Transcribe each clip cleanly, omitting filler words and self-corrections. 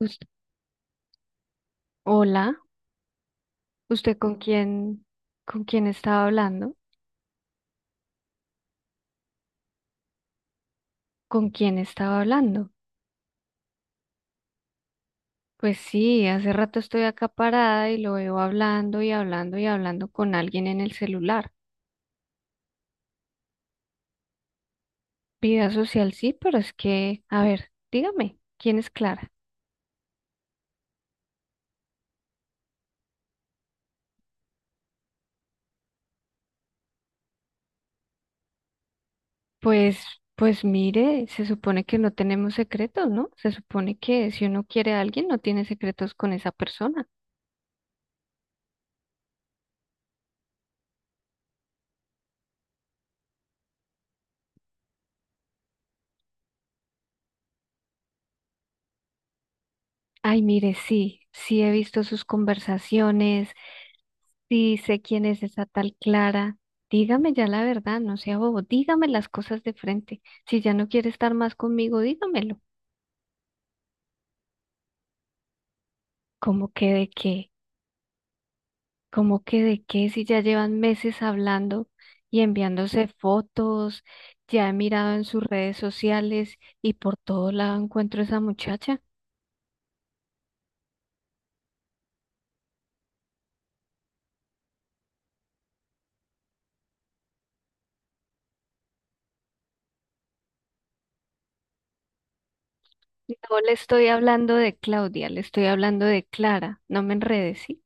Us- Hola, ¿usted con quién estaba hablando? ¿Con quién estaba hablando? Pues sí, hace rato estoy acá parada y lo veo hablando y hablando y hablando con alguien en el celular. Vida social sí, pero es que, a ver, dígame, ¿quién es Clara? Pues, pues mire, se supone que no tenemos secretos, ¿no? Se supone que si uno quiere a alguien no tiene secretos con esa persona. Ay, mire, sí, sí he visto sus conversaciones. Sí, sé quién es esa tal Clara. Dígame ya la verdad, no sea bobo. Dígame las cosas de frente. Si ya no quiere estar más conmigo, dígamelo. ¿Cómo que de qué? ¿Cómo que de qué? Si ya llevan meses hablando y enviándose fotos, ya he mirado en sus redes sociales y por todo lado encuentro a esa muchacha. No le estoy hablando de Claudia, le estoy hablando de Clara. No me enredes, ¿sí?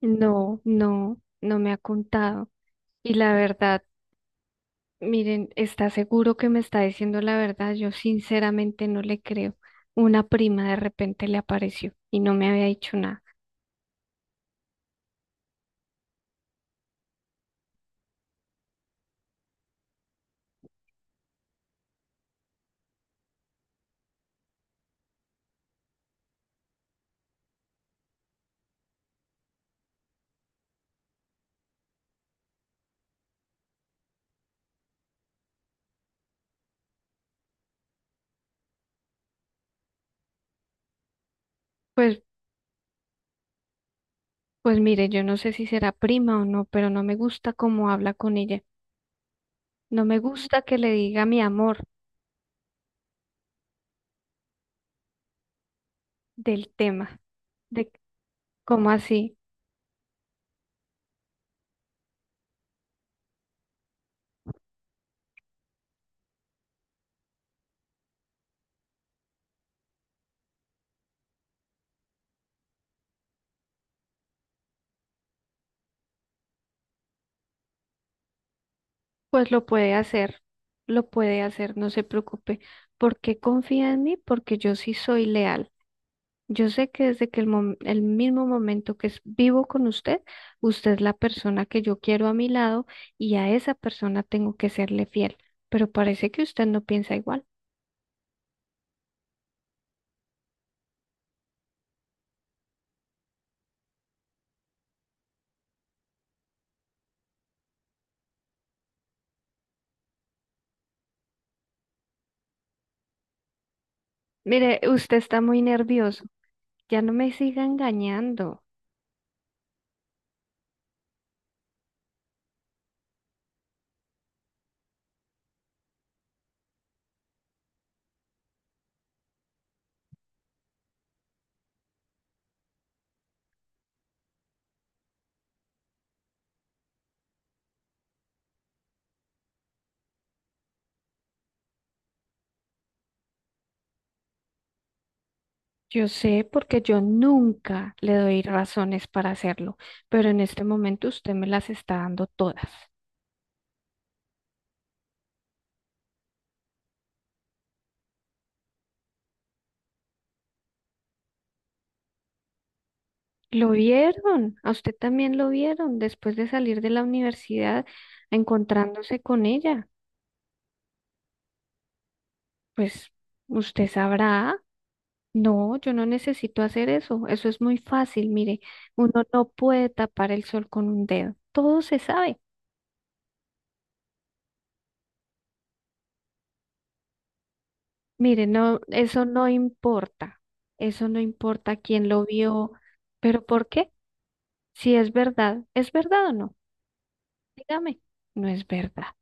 No, no, no me ha contado. Y la verdad. Miren, ¿está seguro que me está diciendo la verdad? Yo sinceramente no le creo. Una prima de repente le apareció y no me había dicho nada. Pues, pues mire, yo no sé si será prima o no, pero no me gusta cómo habla con ella. No me gusta que le diga mi amor del tema, de cómo así. Pues lo puede hacer, no se preocupe. ¿Por qué confía en mí? Porque yo sí soy leal. Yo sé que desde que el mismo momento que es vivo con usted, usted es la persona que yo quiero a mi lado y a esa persona tengo que serle fiel, pero parece que usted no piensa igual. Mire, usted está muy nervioso, ya no me siga engañando. Yo sé porque yo nunca le doy razones para hacerlo, pero en este momento usted me las está dando todas. Lo vieron, a usted también lo vieron después de salir de la universidad encontrándose con ella. Pues usted sabrá. No, yo no necesito hacer eso. Eso es muy fácil. Mire, uno no puede tapar el sol con un dedo. Todo se sabe. Mire, no, eso no importa. Eso no importa quién lo vio. Pero ¿por qué? Si es verdad, ¿es verdad o no? Dígame. No es verdad.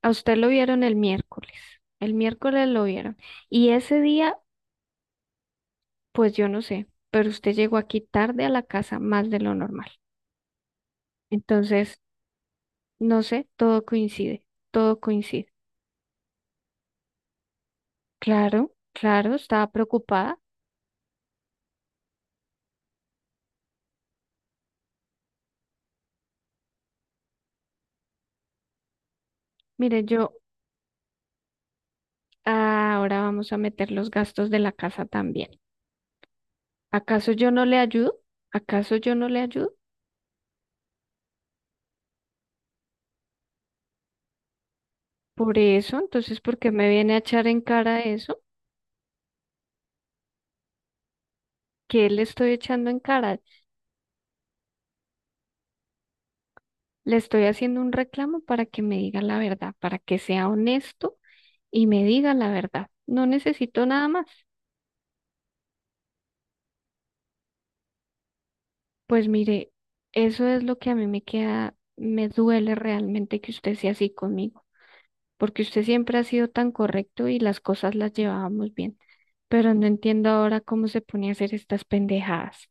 A usted lo vieron el miércoles. El miércoles lo vieron. Y ese día, pues yo no sé, pero usted llegó aquí tarde a la casa más de lo normal. Entonces... No sé, todo coincide, todo coincide. Claro, claro, estaba preocupada. Mire, yo ahora vamos a meter los gastos de la casa también. ¿Acaso yo no le ayudo? ¿Acaso yo no le ayudo? Por eso, entonces, ¿por qué me viene a echar en cara eso? ¿Qué le estoy echando en cara? Le estoy haciendo un reclamo para que me diga la verdad, para que sea honesto y me diga la verdad. No necesito nada más. Pues mire, eso es lo que a mí me queda, me duele realmente que usted sea así conmigo, porque usted siempre ha sido tan correcto y las cosas las llevábamos bien, pero no entiendo ahora cómo se pone a hacer estas pendejadas.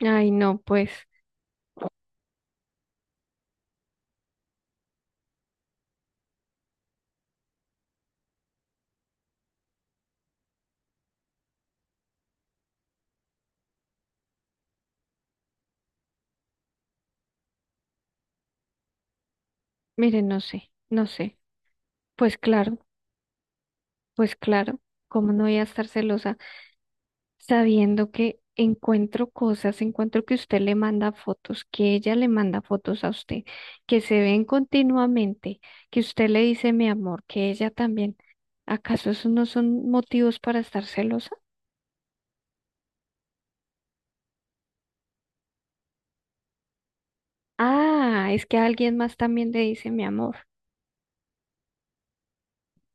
Ay, no, pues, mire, no sé, no sé. Pues claro, pues claro, ¿cómo no voy a estar celosa sabiendo que encuentro cosas, encuentro que usted le manda fotos, que ella le manda fotos a usted, que se ven continuamente, que usted le dice mi amor, que ella también. ¿Acaso esos no son motivos para estar celosa? Ah, es que alguien más también le dice mi amor.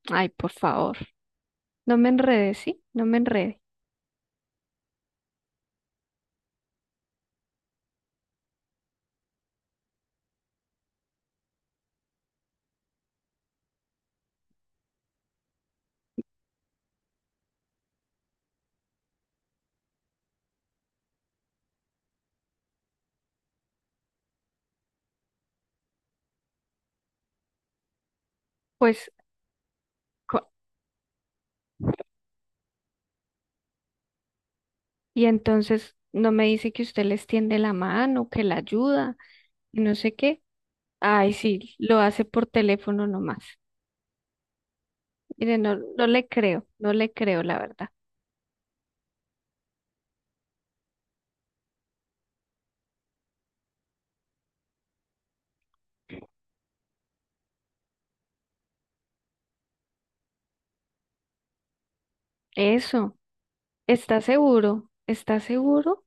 Ay, por favor, no me enrede, ¿sí? No me enrede. Pues, co- y entonces no me dice que usted le extiende la mano, que la ayuda, y no sé qué. Ay, sí, lo hace por teléfono nomás. Mire, no, no le creo, no le creo, la verdad. Eso, ¿está seguro? ¿Está seguro?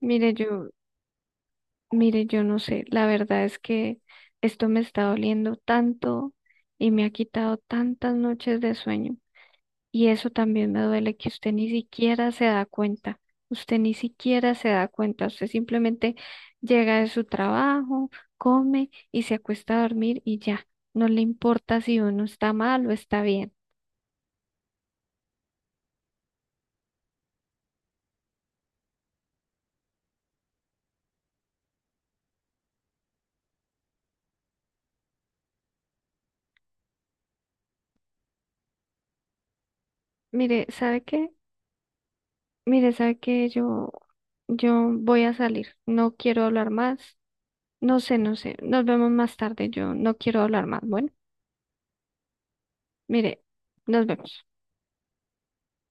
Mire, yo, mire, yo no sé. La verdad es que esto me está doliendo tanto y me ha quitado tantas noches de sueño. Y eso también me duele que usted ni siquiera se da cuenta. Usted ni siquiera se da cuenta. Usted simplemente llega de su trabajo, come y se acuesta a dormir y ya. No le importa si uno está mal o está bien. Mire, ¿sabe qué? Mire, sabe que yo voy a salir, no quiero hablar más, no sé, no sé, nos vemos más tarde, yo no quiero hablar más. Bueno, mire, nos vemos.